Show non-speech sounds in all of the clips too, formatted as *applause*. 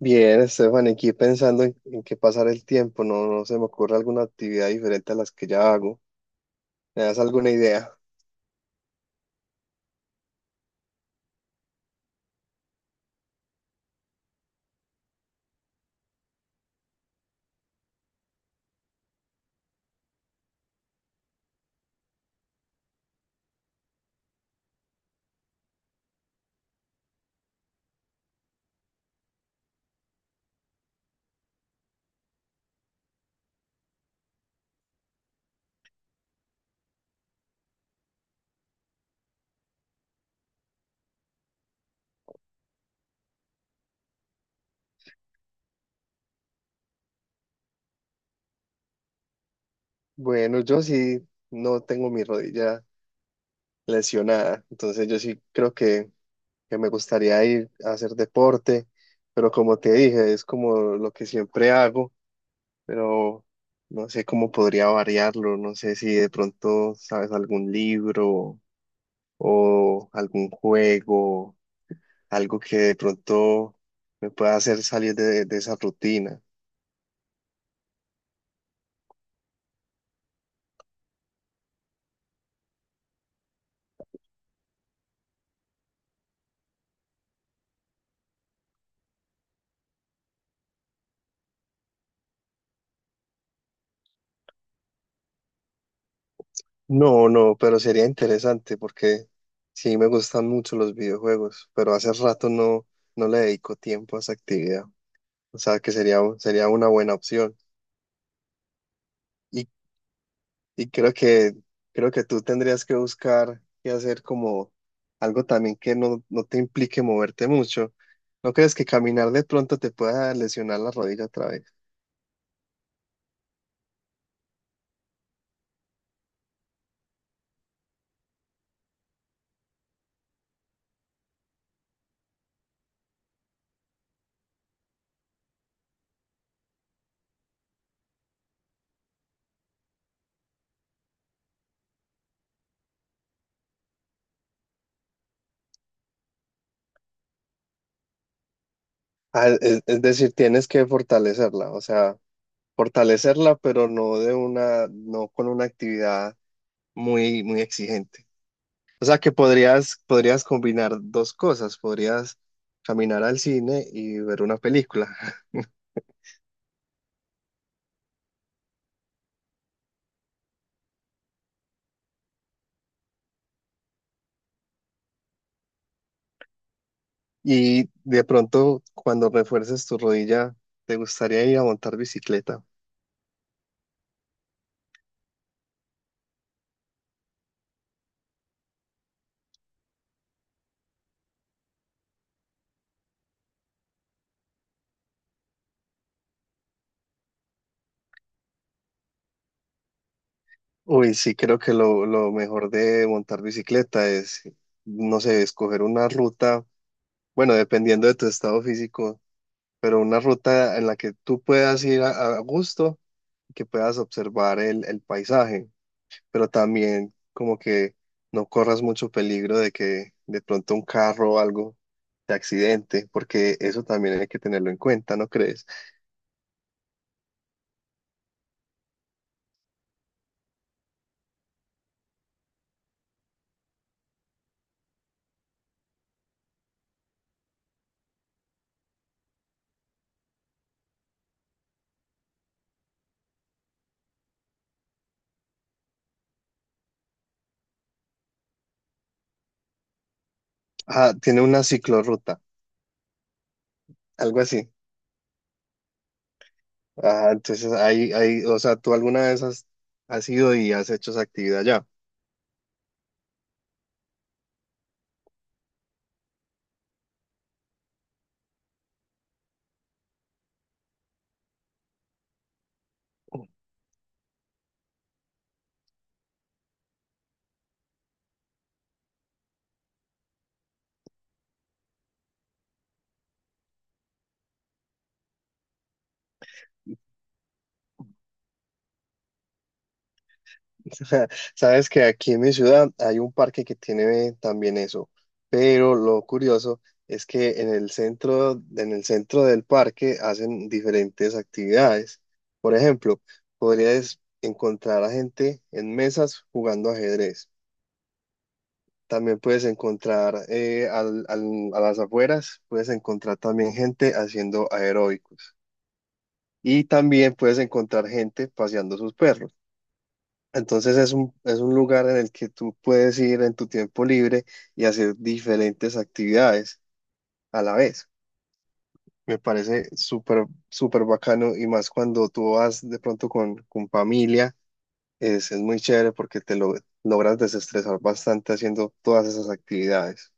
Bien, Estefan, aquí pensando en qué pasar el tiempo, no se me ocurre alguna actividad diferente a las que ya hago. ¿Me das alguna idea? Bueno, yo sí no tengo mi rodilla lesionada, entonces yo sí que me gustaría ir a hacer deporte, pero como te dije, es como lo que siempre hago, pero no sé cómo podría variarlo, no sé si de pronto sabes algún libro o algún juego algo que de pronto me pueda hacer salir de esa rutina. No, no, pero sería interesante porque sí me gustan mucho los videojuegos, pero hace rato no le dedico tiempo a esa actividad. O sea que sería una buena opción. ¿Y Y creo que tú tendrías que buscar y hacer como algo también que no te implique moverte mucho. ¿No crees que caminar de pronto te pueda lesionar la rodilla otra vez? Ah, es decir, tienes que fortalecerla, o sea, fortalecerla, pero no de una, no con una actividad muy exigente. O sea, que podrías combinar dos cosas, podrías caminar al cine y ver una película. Y de pronto, cuando refuerces tu rodilla, ¿te gustaría ir a montar bicicleta? Uy, sí, creo que lo mejor de montar bicicleta es, no sé, escoger una ruta, bueno, dependiendo de tu estado físico, pero una ruta en la que tú puedas ir a gusto. Que puedas observar el paisaje, pero también como que no corras mucho peligro de que de pronto un carro o algo te accidente, porque eso también hay que tenerlo en cuenta, ¿no crees? Ah, tiene una ciclorruta, algo así. Ah, entonces ahí, o sea, ¿tú alguna vez has ido y has hecho esa actividad ya? *laughs* Sabes que aquí en mi ciudad hay un parque que tiene también eso, pero lo curioso es que en el centro del parque hacen diferentes actividades. Por ejemplo, podrías encontrar a gente en mesas jugando ajedrez. También puedes encontrar a las afueras, puedes encontrar también gente haciendo aeróbicos. Y también puedes encontrar gente paseando sus perros. Entonces es un lugar en el que tú puedes ir en tu tiempo libre y hacer diferentes actividades a la vez. Me parece súper bacano y más cuando tú vas de pronto con familia, es muy chévere porque te logras desestresar bastante haciendo todas esas actividades.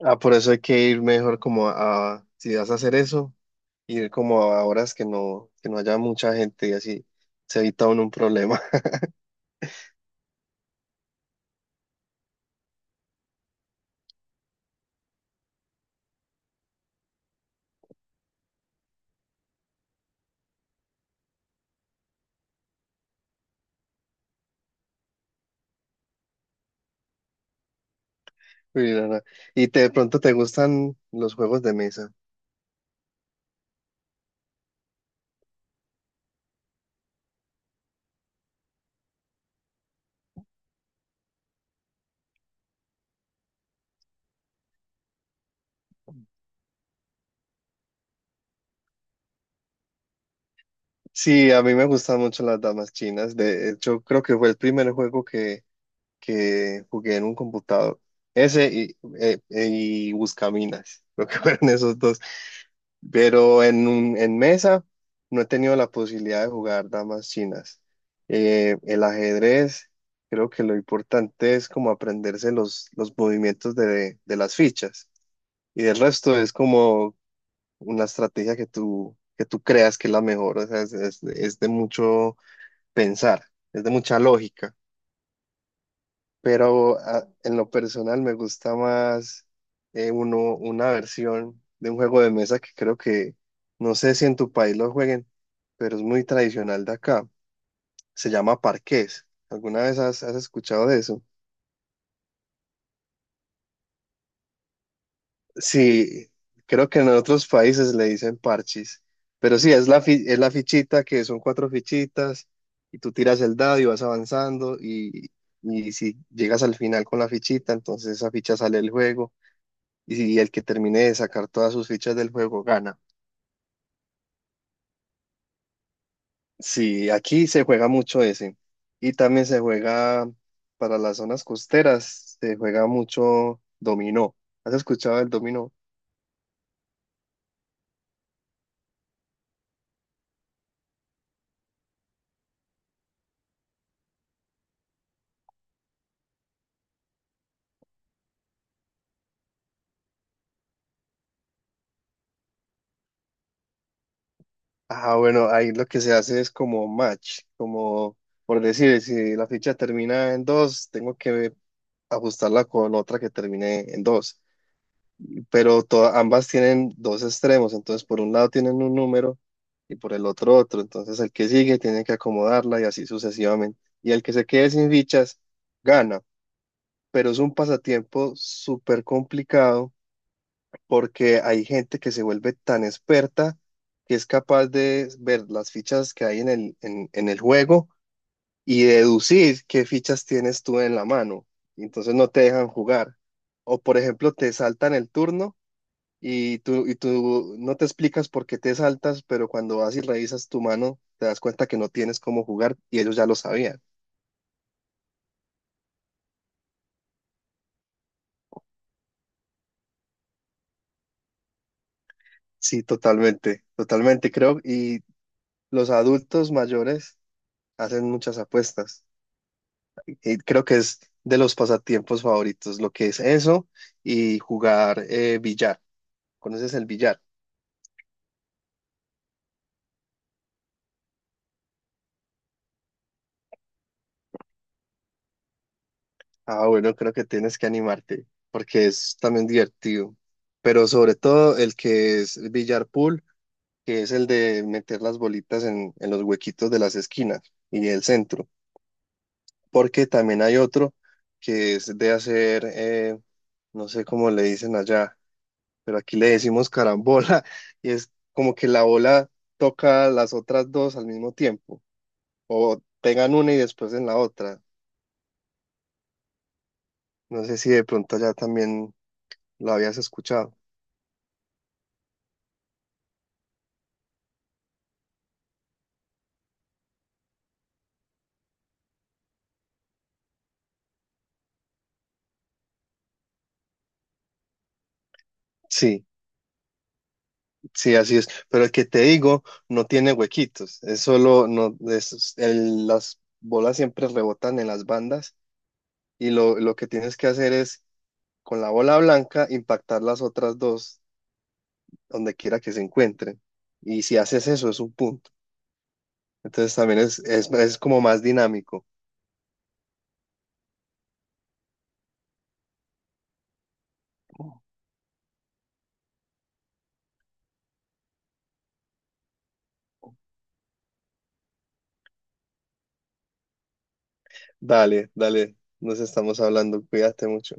Ah, por eso hay que ir mejor como a, si vas a hacer eso, ir como a horas que que no haya mucha gente y así se evita uno un problema. Uy, no, no. Y te- de pronto te gustan los juegos de mesa. Sí, a mí me gustan mucho las damas chinas. De hecho, creo que fue el primer que jugué en un computador. Ese y Buscaminas, *laughs* lo que fueron esos dos. Pero en, un- en mesa no he tenido la posibilidad de jugar damas chinas. El ajedrez, creo que lo importante es como aprenderse los movimientos de las fichas. Y el resto es como una estrategia que que tú creas que es la mejor, o sea, es de mucho pensar, es de mucha lógica, pero a- en lo personal me gusta más una versión de un juego de mesa no sé si en tu país lo jueguen, pero es muy tradicional de acá, se llama parqués. ¿Alguna vez has escuchado de eso? Sí, creo que en otros países le dicen parchis, pero sí, es la fichita que son cuatro fichitas y tú tiras el dado y vas avanzando y si llegas al final con la fichita, entonces esa ficha sale del juego y si el que termine de sacar todas sus fichas del juego gana. Sí, aquí se juega mucho ese y también se juega para las zonas costeras, se juega mucho dominó. ¿Has escuchado el dominó? Ah, bueno, ahí lo que se hace es como match, como por decir, si la ficha termina en dos, tengo que ajustarla con otra que termine en dos. Pero to- ambas tienen dos extremos, entonces por un lado tienen un número y por el otro otro. Entonces el que sigue tiene que acomodarla y así sucesivamente. Y el que se quede sin fichas gana. Pero es un pasatiempo súper complicado porque hay gente que se vuelve tan experta que es capaz de ver las fichas que hay en el juego y deducir qué fichas tienes tú en la mano. Y entonces no te dejan jugar. O por ejemplo, te saltan el turno y tú no te explicas por qué te saltas, pero cuando vas y revisas tu mano, te das cuenta que no tienes cómo jugar y ellos ya lo sabían. Sí, totalmente creo. Y los adultos mayores hacen muchas apuestas. Eh, creo que es de los pasatiempos favoritos, lo que es eso y jugar billar. ¿Conoces el billar? Ah, bueno, creo que tienes que animarte porque es también divertido. Pero sobre todo el que es billar pool, que es el de meter las bolitas en los huequitos de las esquinas y el centro. Porque también hay otro que es de hacer, no sé cómo le dicen allá pero aquí le decimos carambola *laughs* y es como que la bola toca las otras dos al mismo tiempo o pegan una y después en la otra. No sé si de pronto ya también lo habías escuchado. Sí, sí, así es. Pero el que te digo no tiene huequitos, es solo, no, es- el- las bolas siempre rebotan en las bandas y lo que tienes que hacer es con la bola blanca impactar las otras dos donde quiera que se encuentren. Y si haces eso es un punto. Entonces también es como más dinámico. Dale, dale, nos estamos hablando, cuídate mucho.